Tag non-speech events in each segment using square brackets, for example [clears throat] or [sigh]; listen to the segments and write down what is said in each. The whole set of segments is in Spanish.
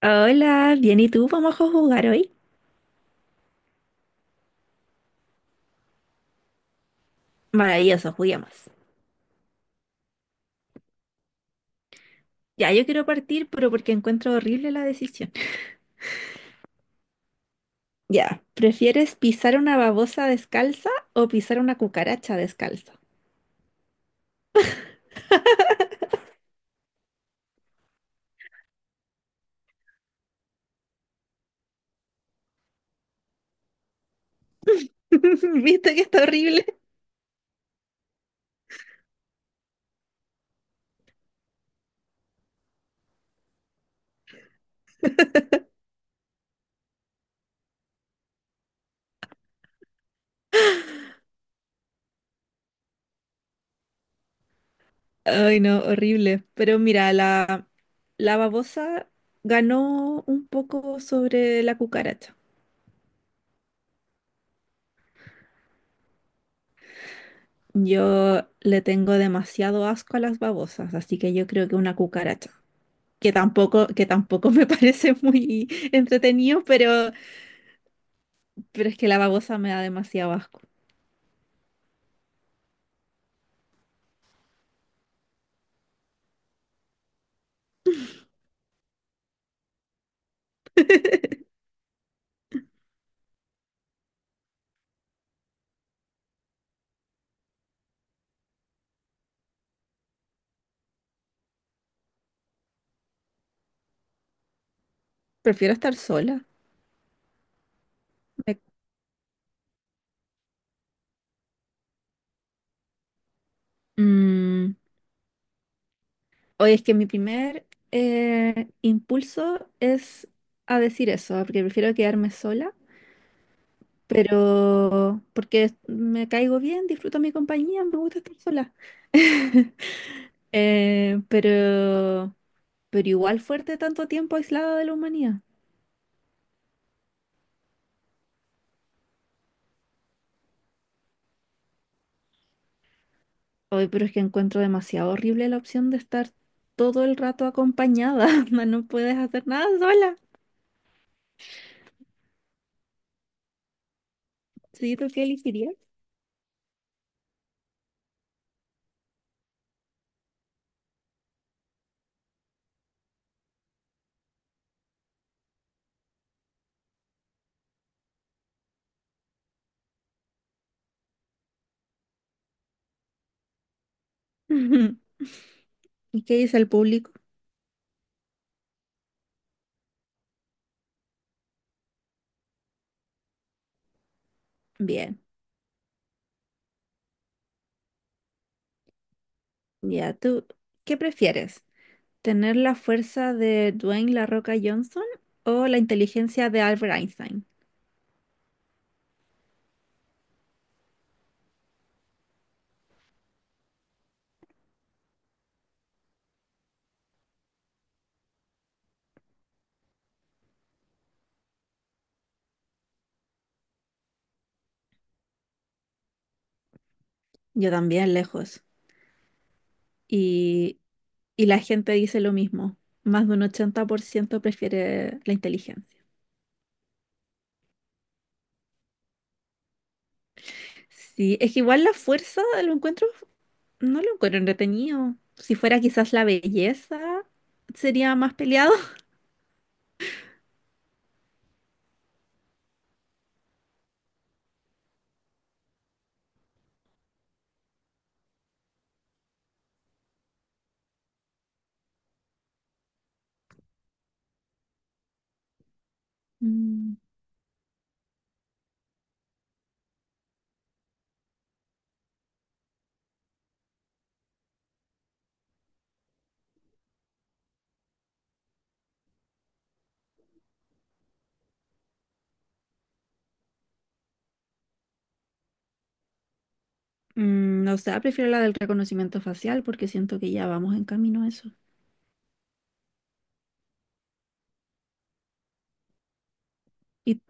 Hola, bien, ¿y tú? ¿Vamos a jugar hoy? Maravilloso, juguemos. Ya, yo quiero partir, pero porque encuentro horrible la decisión. Ya, ¿prefieres pisar una babosa descalza o pisar una cucaracha descalza? [laughs] ¿Viste que está horrible? Ay, no, horrible. Pero mira, la babosa ganó un poco sobre la cucaracha. Yo le tengo demasiado asco a las babosas, así que yo creo que una cucaracha. Que tampoco me [laughs] parece muy entretenido, pero es que la babosa me da demasiado asco. Prefiero estar sola. Me- Mm, oye, es que mi primer impulso es a decir eso, porque prefiero quedarme sola, pero porque me caigo bien, disfruto mi compañía, me gusta estar sola. [laughs] Eh, pero, pero igual fuerte tanto tiempo aislada de la humanidad. Hoy, pero es que encuentro demasiado horrible la opción de estar todo el rato acompañada. [laughs] Onda, no puedes hacer nada sola. ¿Sí, tú qué elegirías? [laughs] ¿Y qué dice el público? Bien, ya tú, ¿qué prefieres? ¿Tener la fuerza de Dwayne La Roca Johnson o la inteligencia de Albert Einstein? Yo también, lejos. Y, y la gente dice lo mismo. Más de un 80% prefiere la inteligencia. Sí, es que igual la fuerza lo encuentro. No lo encuentro entretenido. Si fuera quizás la belleza, sería más peleado. Mm, no sé, prefiero la del reconocimiento facial porque siento que ya vamos en camino a eso. Y,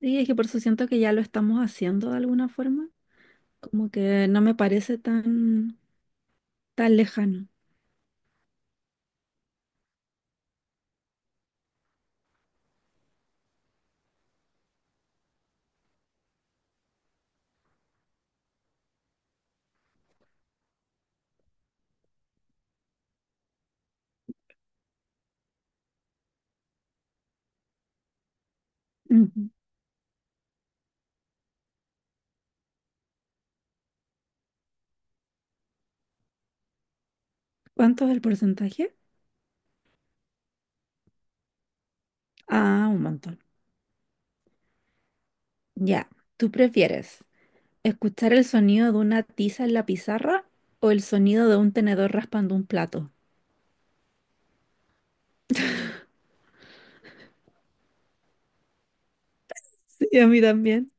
y es que por eso siento que ya lo estamos haciendo de alguna forma. Como que no me parece tan lejano. Ujú. ¿Cuánto es el porcentaje? Ah, un montón. Ya, ¿tú prefieres escuchar el sonido de una tiza en la pizarra o el sonido de un tenedor raspando un plato? Sí, a mí también.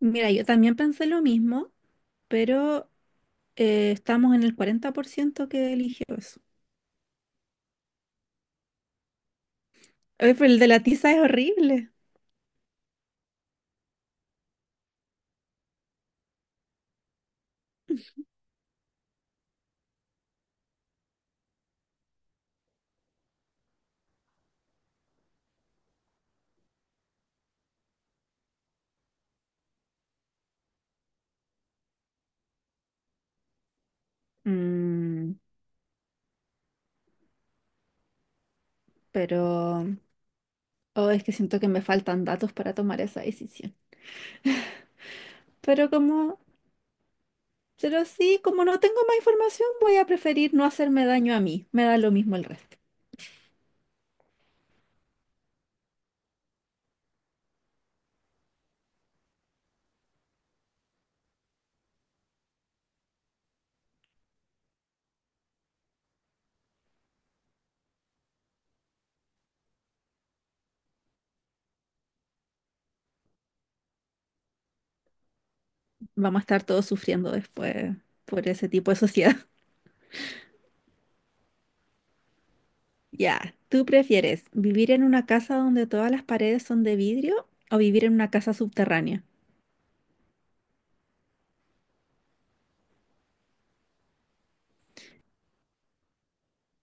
Mira, yo también pensé lo mismo, pero estamos en el 40% que eligió eso. Oye, pero el de la tiza es horrible. Mm, pero oh, es que siento que me faltan datos para tomar esa decisión. Pero como, pero sí, como no tengo más información, voy a preferir no hacerme daño a mí. Me da lo mismo el resto. Vamos a estar todos sufriendo después por ese tipo de sociedad. [laughs] Ya, ¿tú prefieres vivir en una casa donde todas las paredes son de vidrio o vivir en una casa subterránea?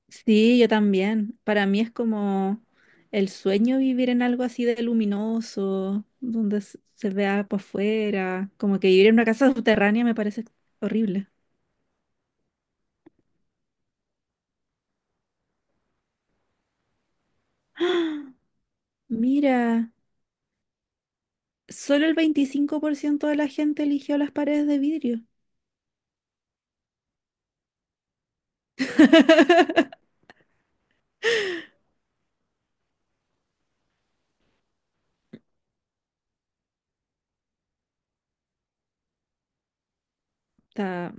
Sí, yo también. Para mí es como el sueño vivir en algo así de luminoso, donde se vea por fuera. Como que vivir en una casa subterránea me parece horrible. Mira, solo el 25% de la gente eligió las paredes de vidrio. Está-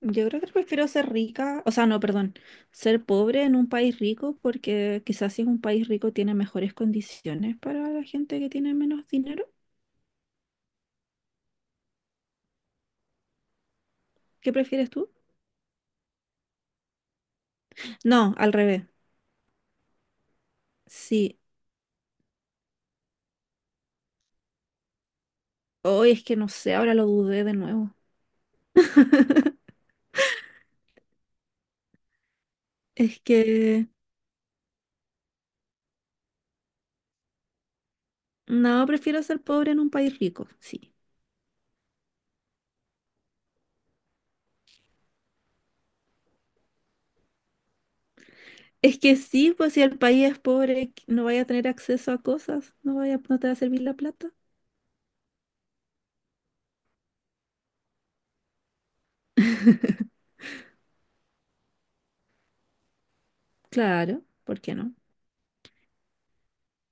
Yo creo que prefiero ser rica, o sea, no, perdón, ser pobre en un país rico porque quizás si es un país rico tiene mejores condiciones para la gente que tiene menos dinero. ¿Qué prefieres tú? No, al revés. Sí, hoy es que no sé, ahora lo dudé de nuevo. [laughs] Es que no, prefiero ser pobre en un país rico, sí. Es que sí, pues si el país es pobre, no vaya a tener acceso a cosas, no vaya, no te va a servir la plata. Claro, ¿por qué no?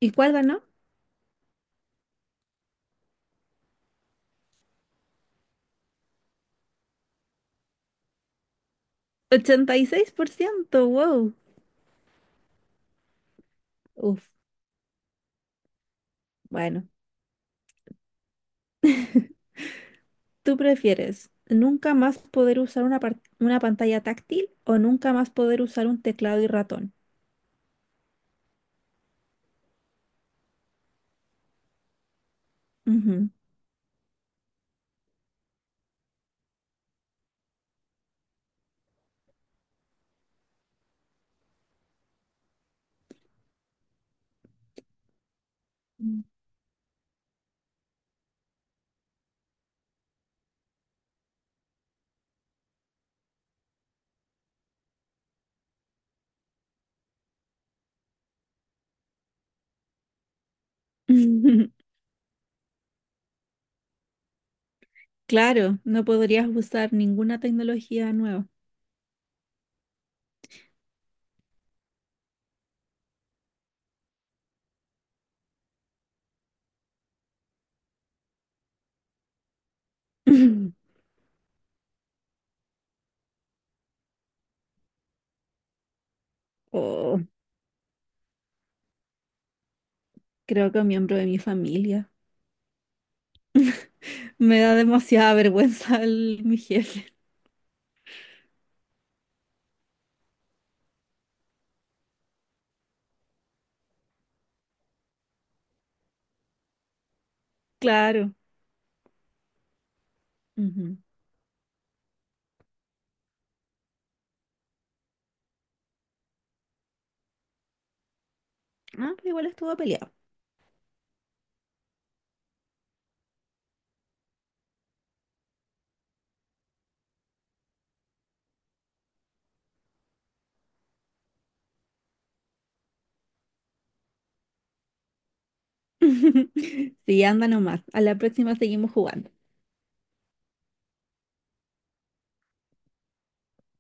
¿Y cuál ganó? 86%. Wow. Uf, bueno, ¿tú prefieres nunca más poder usar una pantalla táctil o nunca más poder usar un teclado y ratón? Ujú. Mm. [laughs] Claro, no podrías usar ninguna tecnología nueva. [laughs] [clears throat] Oh, creo que un miembro de mi familia. Me da demasiada vergüenza mi jefe. [laughs] Claro. Ujú. Ah, pero igual estuvo peleado. [laughs] Sí, anda nomás. A la próxima seguimos jugando.